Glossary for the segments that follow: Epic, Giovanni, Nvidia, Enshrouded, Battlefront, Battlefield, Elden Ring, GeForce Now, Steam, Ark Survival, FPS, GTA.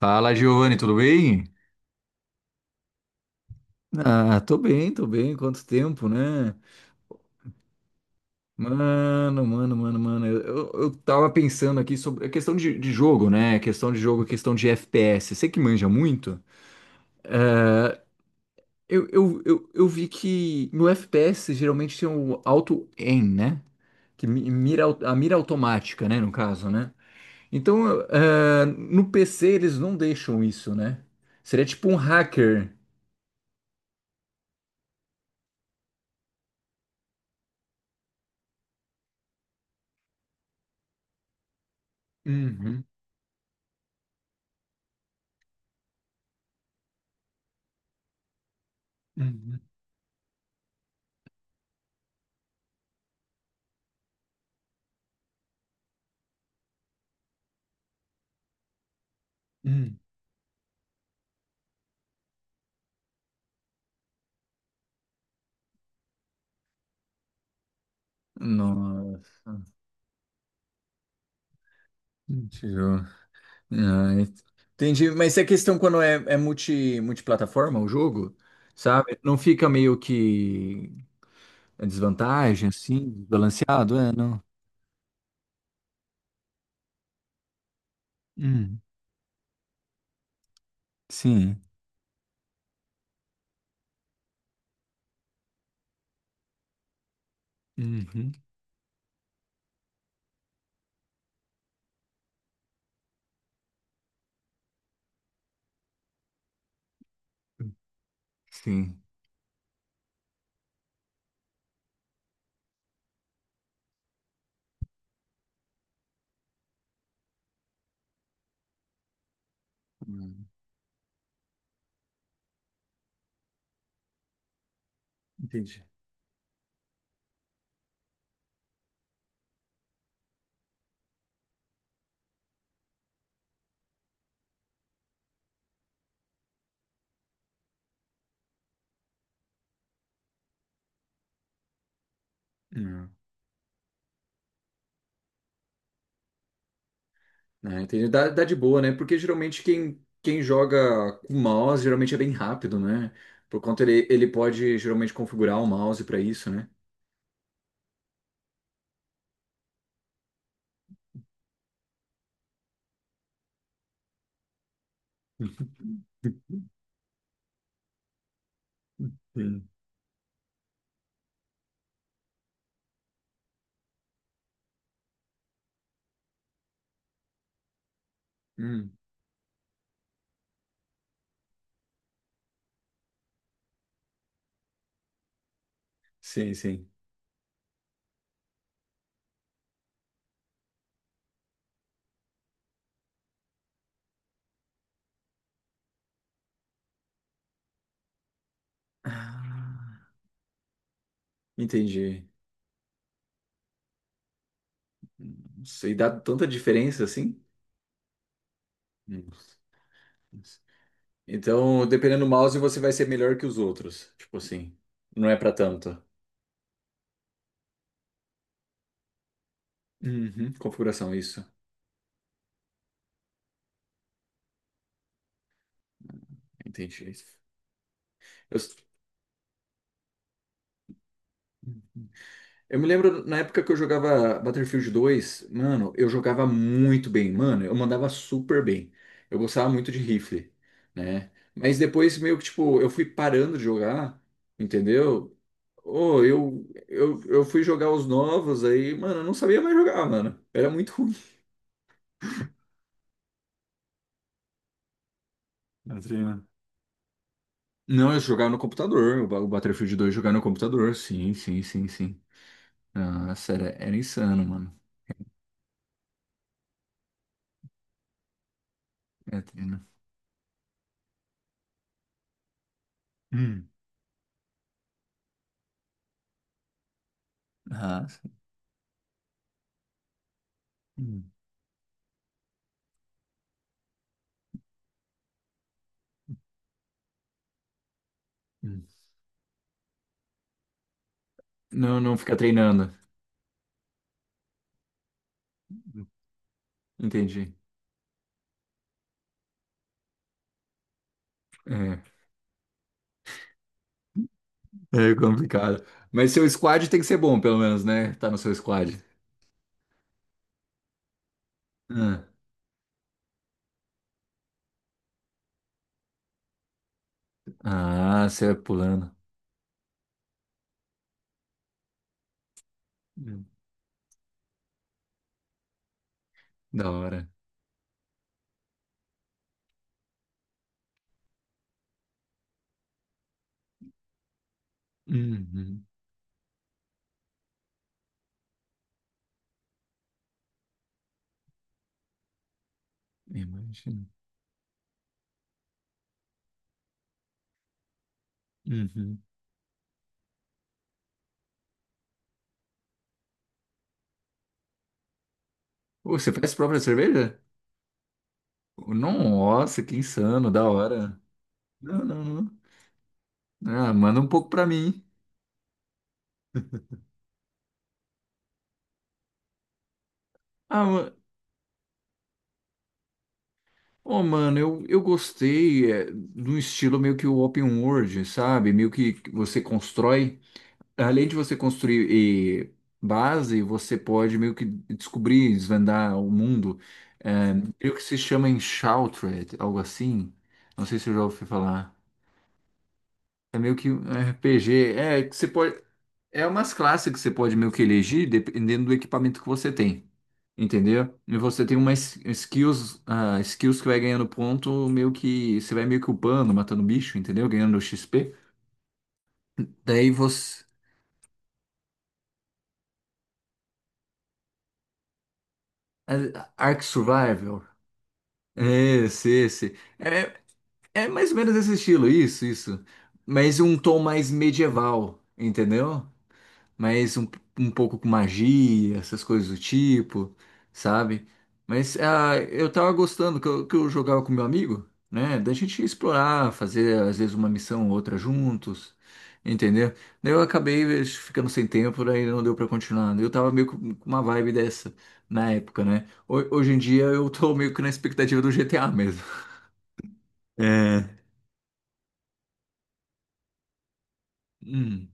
Fala, Giovanni, tudo bem? Ah, tô bem, tô bem. Quanto tempo, né? Mano, mano, mano, mano. Eu tava pensando aqui sobre a questão de jogo, né? Questão de jogo, questão de FPS. Você que manja muito, eu vi que no FPS geralmente tem o auto-aim, né? Que mira, a mira automática, né? No caso, né? Então, no PC eles não deixam isso, né? Seria tipo um hacker. Uhum, uhum, uhum. Nossa. Entendi. Ah, entendi. Mas é questão quando é multiplataforma o jogo, sabe? Não fica meio que a desvantagem, assim, balanceado, é, não? Hum, sim. Uhum. Sim. Hum, entendi. Hum. Ah, entendi. Dá de boa, né? Porque geralmente quem joga com mouse geralmente é bem rápido, né? Por conta ele pode geralmente configurar o mouse para isso, né? Sim. Hum, sim, sim. Ah. Entendi. Nossa. E dá tanta diferença assim? Nossa. Nossa. Então, dependendo do mouse, você vai ser melhor que os outros. Tipo assim, não é pra tanto. Uhum, configuração, isso. Entendi. Eu, Eu me lembro na época que eu jogava Battlefield 2, mano, eu jogava muito bem, mano, eu mandava super bem. Eu gostava muito de rifle, né? Mas depois meio que tipo, eu fui parando de jogar, entendeu? Oh, eu fui jogar os novos aí, mano, eu não sabia mais jogar, mano. Era muito ruim. Na trina. Não, eu jogava no computador, o o Battlefield 2 jogava no computador, sim, sim, sim, sim. Nossa, era insano, mano. É, né? Hum. Nossa. Hum. Hum. Não, não fica treinando. Entendi. É, é complicado. Mas seu squad tem que ser bom, pelo menos, né? Tá no seu squad. Ah, ah, você é pulando. Hum, Da hora. Uhum, imagino. Uhum. Ô, você faz própria cerveja? Nossa, que insano, da hora. Não, não, não. Ah, manda um pouco pra mim. Ah, ô, mano, eu gostei é, de um estilo meio que o open world, sabe? Meio que você constrói. Além de você construir base, você pode meio que descobrir, desvendar o mundo. É, uhum. Creio que se chama Enshrouded, algo assim. Não sei se eu já ouvi falar. É meio que um RPG. É, que você pode. É umas classes que você pode meio que elegir dependendo do equipamento que você tem. Entendeu? E você tem umas skills que vai ganhando ponto, meio que você vai meio que upando, matando bicho, entendeu? Ganhando XP. Daí você. É, Ark Survival. É, esse, esse. É, é mais ou menos esse estilo, isso, isso. Mas um tom mais medieval, entendeu? Mas um pouco com magia, essas coisas do tipo, sabe? Mas eu tava gostando que que eu jogava com meu amigo, né? Da gente explorar, fazer às vezes uma missão ou outra juntos, entendeu? Daí eu acabei ficando sem tempo, daí não deu pra continuar. Eu tava meio com uma vibe dessa na época, né? Hoje em dia eu tô meio que na expectativa do GTA mesmo. É. Hum.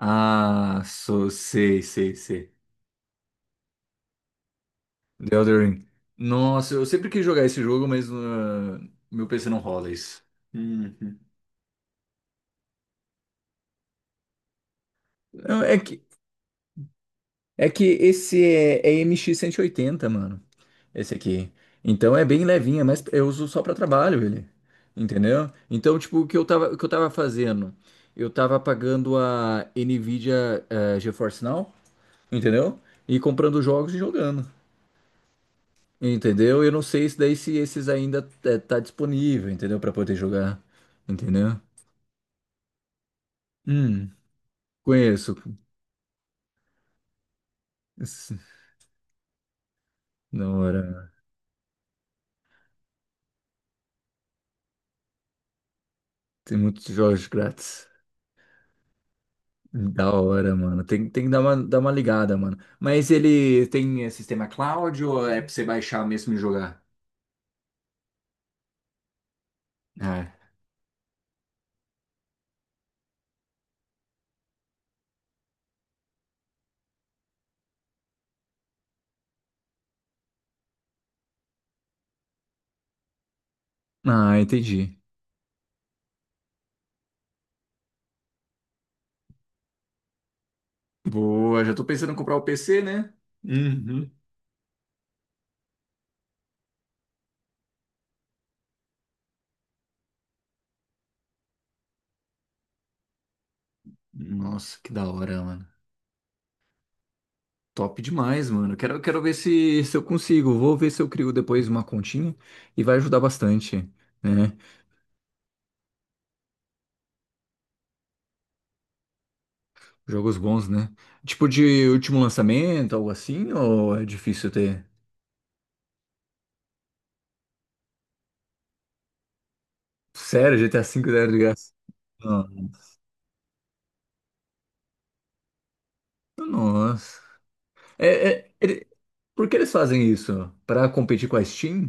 Ah, sei, sei, sei. The Elden Ring. Nossa, eu sempre quis jogar esse jogo, mas meu PC não rola isso. Uhum. Não, é que esse é MX80 mano. Esse aqui. Então é bem levinha, mas eu uso só pra trabalho ele. Entendeu? Então, tipo, o que eu tava fazendo? Eu tava pagando a Nvidia GeForce Now, entendeu? E comprando jogos e jogando. Entendeu? Eu não sei se daí se esses ainda tá disponível, entendeu? Pra poder jogar, entendeu? Hum, conheço. Esse- Da hora. Tem muitos jogos grátis. Da hora, mano. Tem que dar uma ligada, mano. Mas ele tem sistema cloud ou é pra você baixar mesmo e jogar? Ah, ah, entendi. Boa, já tô pensando em comprar o PC, né? Uhum. Nossa, que da hora, mano. Top demais, mano. Quero ver se eu consigo. Vou ver se eu crio depois uma continha e vai ajudar bastante, né? Jogos bons, né? Tipo de último lançamento, algo assim, ou é difícil ter? Sério, GTA V era de graça? Não. Nossa. É, é- ele- por que eles fazem isso? Pra competir com a Steam?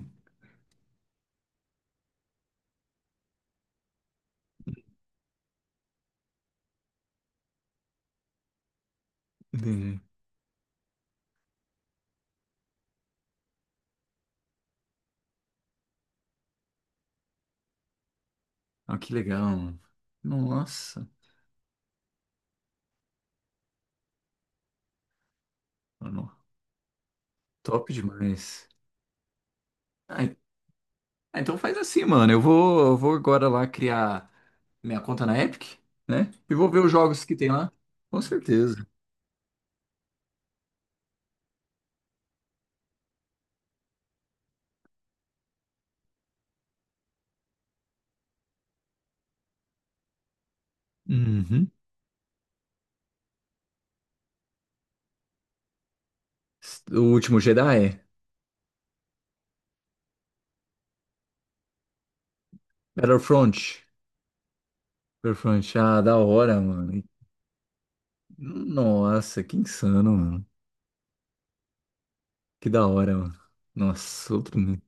Entendi. Ah, que legal, mano. Nossa, mano. Top demais. Ah, ah, então faz assim, mano. Eu vou agora lá criar minha conta na Epic, né? E vou ver os jogos que tem lá. Com certeza. Uhum. O último Jedi? Battlefront. Battlefront. Ah, da hora, mano. Nossa, que insano, mano. Que da hora, mano. Nossa, outro nível.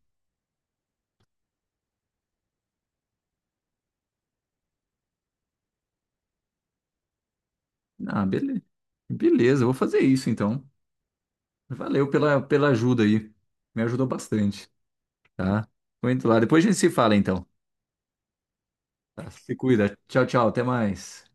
Ah, beleza. Beleza, eu vou fazer isso então. Valeu pela ajuda aí. Me ajudou bastante, tá? Vou indo lá. Depois a gente se fala então, tá? Se cuida. Tchau, tchau. Até mais.